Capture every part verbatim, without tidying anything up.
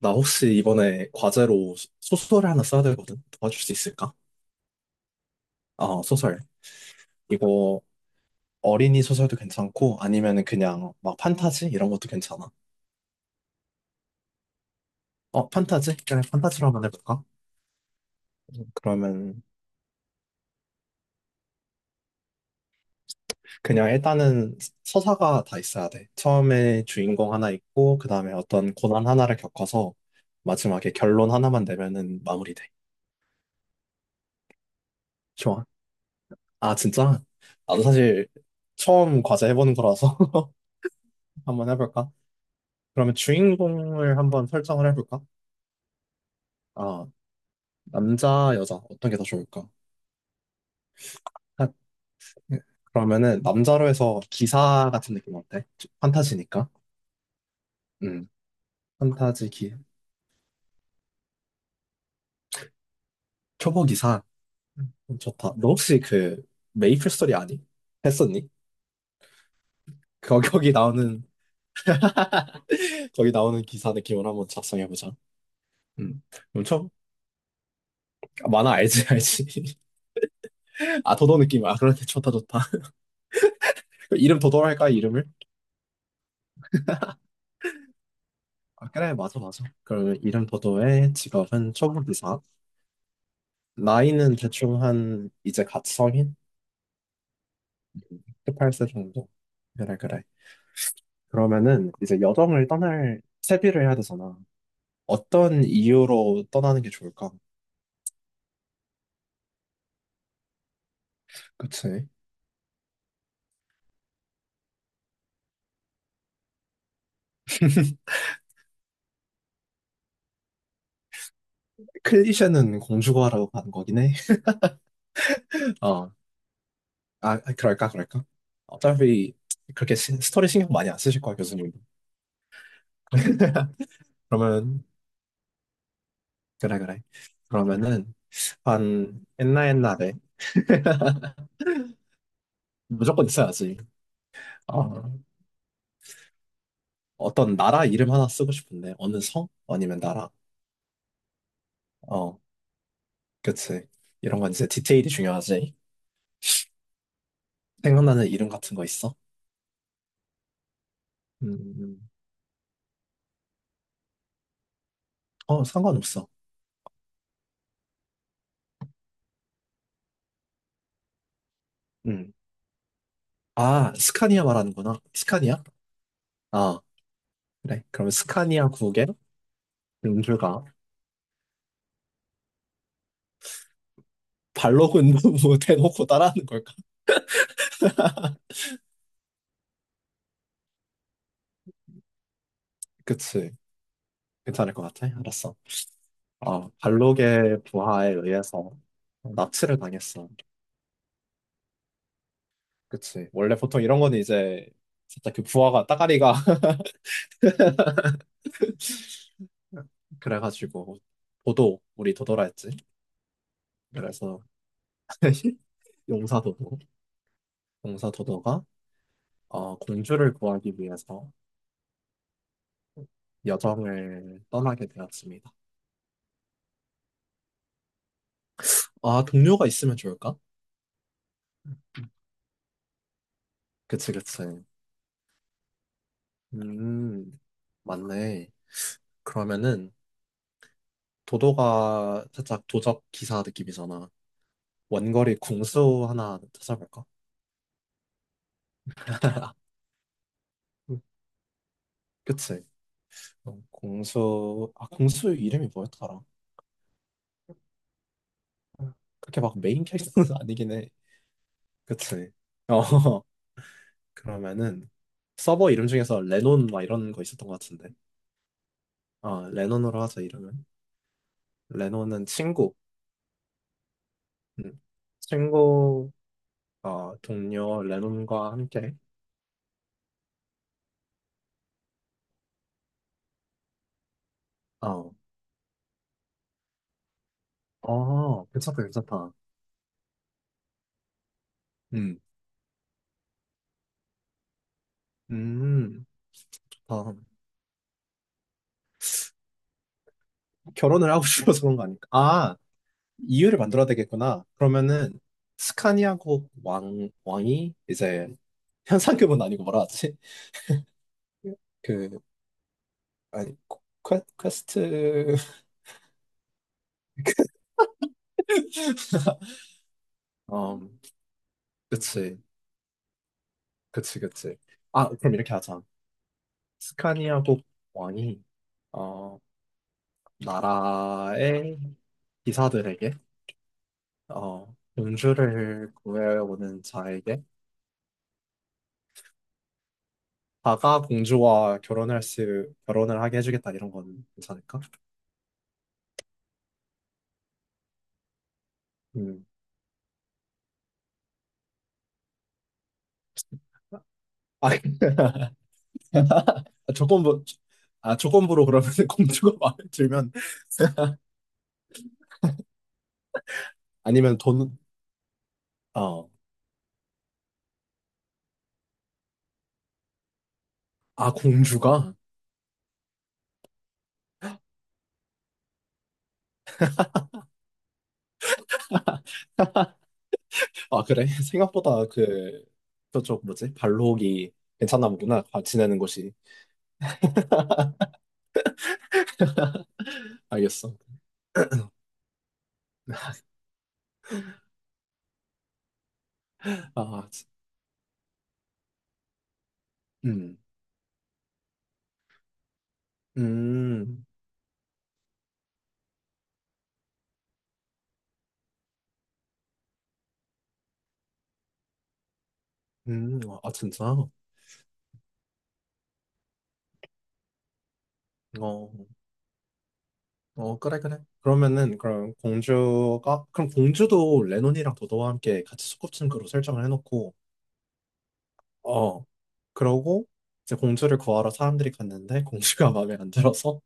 나 혹시 이번에 과제로 소설을 하나 써야 되거든? 도와줄 수 있을까? 어, 소설. 이거 어린이 소설도 괜찮고, 아니면 그냥 막 판타지? 이런 것도 괜찮아. 어, 판타지? 그냥 판타지로 한번 해볼까? 그러면 그냥 일단은 서사가 다 있어야 돼. 처음에 주인공 하나 있고, 그 다음에 어떤 고난 하나를 겪어서 마지막에 결론 하나만 내면은 마무리돼. 좋아. 아, 진짜? 나도 사실 처음 과제 해보는 거라서 한번 해볼까? 그러면 주인공을 한번 설정을 해볼까? 아, 남자, 여자, 어떤 게 더 좋을까? 하- 그러면은, 남자로 해서 기사 같은 느낌 어때? 판타지니까. 음, 판타지 기, 초보 기사. 음, 좋다. 너 혹시 그, 메이플 스토리 아니? 했었니? 거, 거기 나오는, 거기 나오는 기사 느낌으로 한번 작성해보자. 음, 엄아 만화 알지, 알지. 아, 도도 느낌. 아, 그런데 좋다, 좋다. 이름 도도로 할까, 이름을? 아, 그래, 맞아, 맞아. 그러면 이름 도도의 직업은 초보 기사. 나이는 대충 한 이제 갓 성인? 십팔 세 정도? 그래 그래. 그러면은 이제 여정을 떠날 채비를 해야 되잖아. 어떤 이유로 떠나는 게 좋을까? 그치? 클리셰는 공주과라고 가는 거긴 해. 어. 아, 아, 그럴까 그럴까? 어차피 그렇게 시- 스토리 신경 많이 안 쓰실 거야 교수님. 그러면 그래 그래. 그러면은 한 옛날 옛날에 무조건 있어야지. 어. 어떤 나라 이름 하나 쓰고 싶은데 어느 성? 아니면 나라? 어, 그치. 이런 건 이제 디테일이 중요하지. 생각나는 이름 같은 거 있어? 음, 어, 상관없어. 음. 아, 스카니아 말하는구나. 스카니아? 아, 그래. 그럼 스카니아 국의 음주가 발로그는 뭐 대놓고 따라하는 걸까? 그치. 괜찮을 것 같아. 알았어. 아, 발록의 부하에 의해서 납치를 당했어. 그치. 원래 보통 이런 거는 이제 진짜 그 부하가 따가리가 그래가지고 도도 우리 도도라 했지. 그래서 용사 도도 용사 도도가 어, 공주를 구하기 위해서 여정을 떠나게 되었습니다. 아 동료가 있으면 좋을까? 그치 그치. 음 맞네. 그러면은 도도가 살짝 도적 기사 느낌이잖아. 원거리 궁수 하나 찾아볼까? 그치. 어, 공수, 아, 공수 이름이 뭐였더라? 그렇게 막 메인 캐릭터는 아니긴 해. 그치. 어, 그러면은 서버 이름 중에서 레논 막 이런 거 있었던 것 같은데. 어, 레논으로 하자, 이름은. 레논은 친구. 음. 친구, 어, 동료 레논과 함께. 어, 어, 괜찮다, 괜찮다. 음, 음, 어, 결혼을 하고 싶어서 그런 거 아닐까? 아, 이유를 만들어야 되겠구나. 그러면은 스카니아국 왕, 왕이 이제 현상금은 아니고 뭐라 하지? 그, 아니, 퀘- 퀘스트 어, 그치, 그치, 그치. 아, 그럼 이렇게 하자. 스카니아국 왕이, 어, 나라의 기사들에게, 어, 공주를 구해오는 자에게, 다가 공주와 결혼할 수, 결혼을 하게 해주겠다, 이런 건 괜찮을까? 음. 아, 조건부, 아, 조건부로 그러면 공주가 마음에 들면, 아니면 돈, 어, 아, 공주가? 아, 그래? 생각보다 그, 저쪽 뭐지? 발록이 괜찮나 보구나. 아, 지내는 곳이. 알겠어. 아, 지- 음, 음, 음, 아, 진짜? 어, 어, 그래, 그래. 그러면은, 그럼 공주가, 그럼 공주도 레논이랑 도도와 함께 같이 소꿉친구로 설정을 해놓고, 어, 그러고, 이제 공주를 구하러 사람들이 갔는데, 공주가 마음에 안 들어서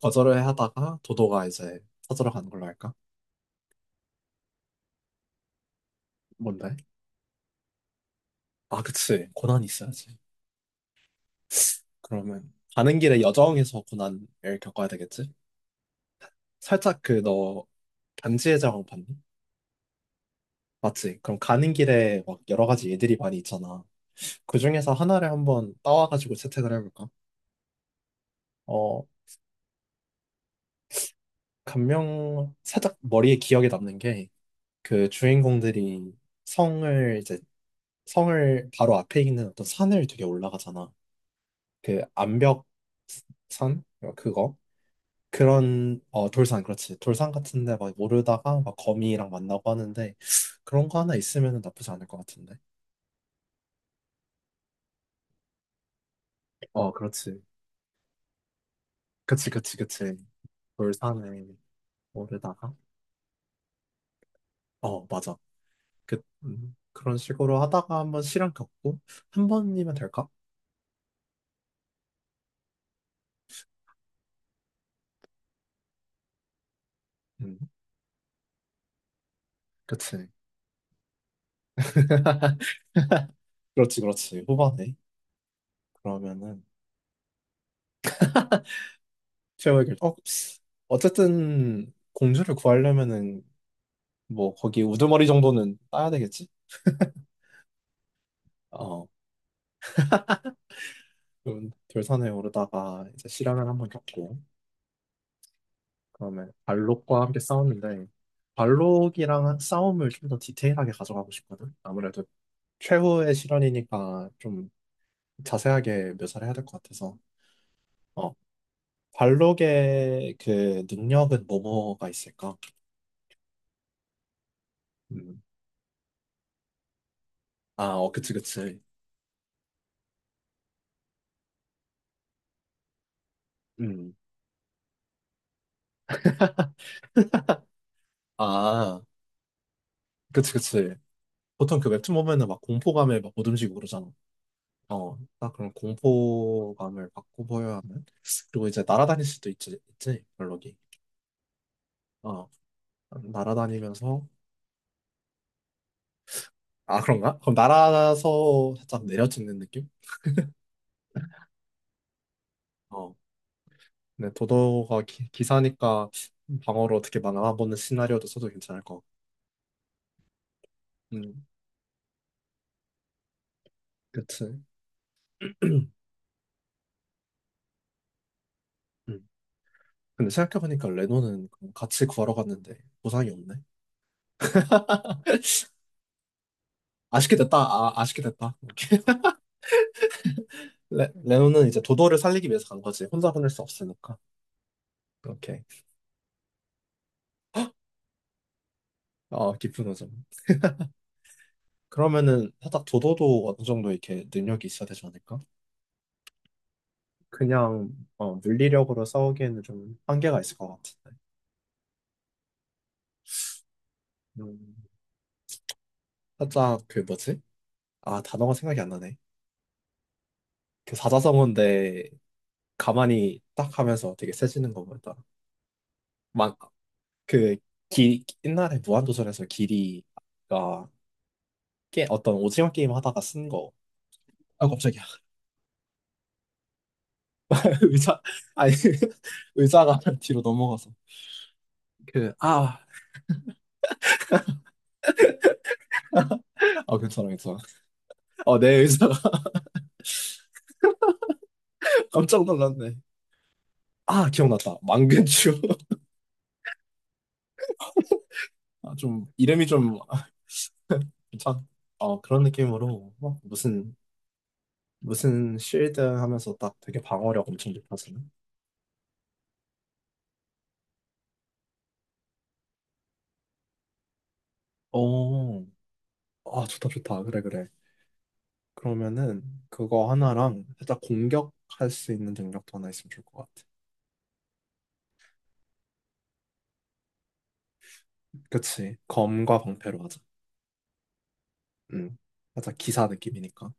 거절을 하다가 도도가 이제 찾으러 가는 걸로 할까? 뭔데? 아, 그치. 고난이 있어야지. 그러면 가는 길에 여정에서 고난을 겪어야 되겠지? 살짝 그 너 반지의 제왕 봤니? 맞지? 그럼 가는 길에 막 여러 가지 예들이 많이 있잖아. 그 중에서 하나를 한번 따와가지고 채택을 해볼까? 어, 감명, 살짝 머리에 기억에 남는 게 그 주인공들이 성을 이제 성을 바로 앞에 있는 어떤 산을 되게 올라가잖아. 그 암벽 산? 그거? 그런 어 돌산 그렇지 돌산 같은데 막 모르다가 막 거미랑 만나고 하는데 그런 거 하나 있으면 나쁘지 않을 것 같은데 어 그렇지 그치 그치 그치 돌산에 모르다가 어 맞아 그 음, 그런 식으로 하다가 한번 실현 겪고 한 번이면 될까 음 그치 그렇지 그렇지 후반에 그러면은 최후의 결정 어 어쨌든 공주를 구하려면은 뭐 거기 우두머리 정도는 따야 되겠지 그 결산에 오르다가 이제 실현을 한번 겪고 그다음에 발록과 함께 싸웠는데 발록이랑 싸움을 좀 더 디테일하게 가져가고 싶거든. 아무래도 최후의 실현이니까 좀 자세하게 묘사를 해야 될 것 같아서 어 발록의 그 능력은 뭐뭐가 있을까? 음. 아, 어, 그치, 그치. 음. 아, 그치, 그치. 보통 그 웹툰 보면은 막 공포감에 막 오듬지고 그러잖아. 어, 딱 그런 공포감을 받고 보여야 하는. 그리고 이제 날아다닐 수도 있지, 있지, 별로기. 어, 날아다니면서. 아, 그런가? 그럼 날아서 살짝 내려지는 느낌? 어, 근데 도도가 기, 기사니까 방어로 어떻게 막아보는 시나리오도 써도 괜찮을 것 같고. 음, 그치. 음. 근데 생각해보니까 레노는 그럼 같이 걸어갔는데 보상이 없네. 아쉽게 됐다. 아, 아쉽게 됐다. 레, 레노는 이제 도도를 살리기 위해서 간 거지. 혼자 보낼 수 없으니까. 이렇게. 어, 깊은 오점. 그러면은 살짝 도도도 어느 정도 이렇게 능력이 있어야 되지 않을까? 그냥 어, 물리력으로 싸우기에는 좀 한계가 있을 것 같은데. 음, 살짝 그 뭐지? 아 단어가 생각이 안 나네. 그 사자성어인데 가만히 딱 하면서 되게 세지는 거 보다. 막그 기 옛날에 무한도전에서 길이가 게 어떤 오징어 게임 하다가 쓴 거. 아 갑자기야. 의자 아니 의자가 뒤로 넘어가서 그 아 아 괜찮아 괜찮아. 어내 의자가 깜짝 놀랐네. 아, 기억났다. 망근추. 아, 좀, 이름이 좀, 아, 괜찮, 어, 그런 느낌으로, 막 무슨, 무슨 쉴드 하면서 딱 되게 방어력 엄청 높아지는? 오, 아, 좋다, 좋다. 그래, 그래. 그러면은, 그거 하나랑 살짝 공격할 수 있는 능력도 하나 있으면 좋을 것 같아. 그치. 검과 방패로 하자. 음, 살짝 기사 느낌이니까.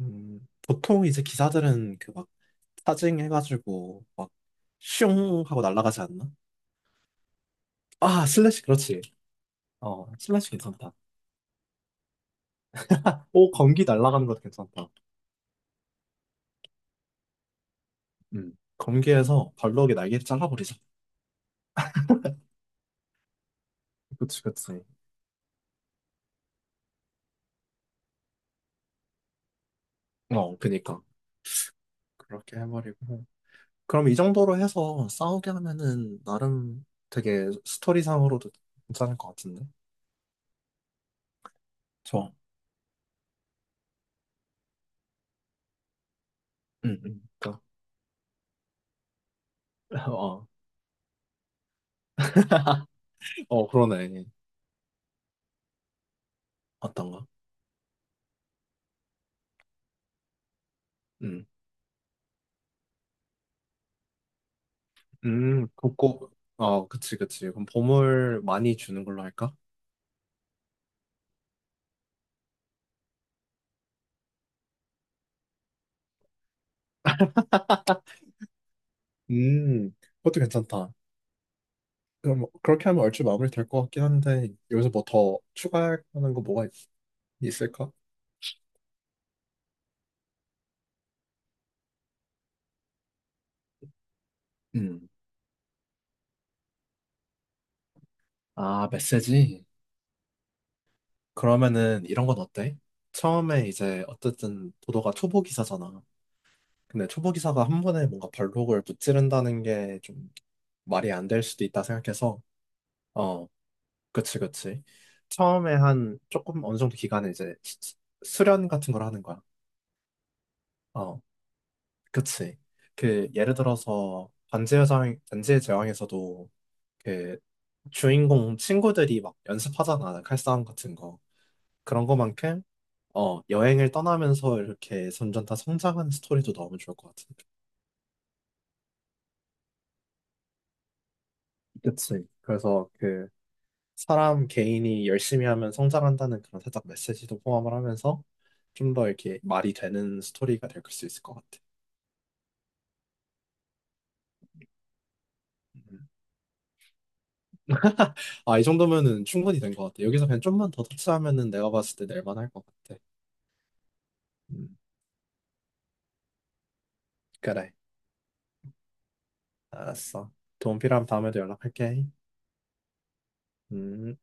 음, 보통 이제 기사들은 그 막, 사징 해가지고, 막, 슝 하고 날아가지 않나? 아, 슬래시, 그렇지. 어, 슬래시 괜찮다. 오, 검기 날아가는 것도 괜찮다. 음, 검기에서 발록의 날개를 잘라버리자. 그치, 그치. 어, 그니까. 그렇게 해버리고. 그럼 이 정도로 해서 싸우게 하면은, 나름 되게 스토리상으로도 괜찮을 것 같은데? 좋아. 응, 응. 그니까. 어, 어, 그러네. 어떤가? 음, 음, 곱고, 어, 그치, 그치. 그럼 보물 많이 주는 걸로 할까? 음, 그것도 괜찮다. 그럼 뭐 그렇게 하면 얼추 마무리 될 것 같긴 한데 여기서 뭐 더 추가하는 거 뭐가 있, 있을까? 음. 아, 메시지? 그러면은 이런 건 어때? 처음에 이제 어쨌든 도도가 초보 기사잖아. 근데 초보 기사가 한 번에 뭔가 발록을 무찌른다는 게 좀 말이 안 될 수도 있다 생각해서 어, 그치, 그치. 처음에 한 조금 어느 정도 기간에 이제 수- 수- 수련 같은 걸 하는 거야. 어, 그치. 그 예를 들어서 반지의 제왕, 반지의 제왕에서도 그 주인공 친구들이 막 연습하잖아, 칼싸움 같은 거. 그런 것만큼 어, 여행을 떠나면서 이렇게 점점 다 성장하는 스토리도 너무 좋을 것 같은데. 그치. 그래서 그 사람 개인이 열심히 하면 성장한다는 그런 살짝 메시지도 포함을 하면서 좀 더 이렇게 말이 되는 스토리가 될 수 있을 것 같아. 음. 아, 이 정도면은 충분히 된 것 같아. 여기서 그냥 좀만 더 터치하면은 내가 봤을 때 낼만할 것 같아. 음, 그래. 알았어. 도움 필요하면 다음에도 연락할게. 음.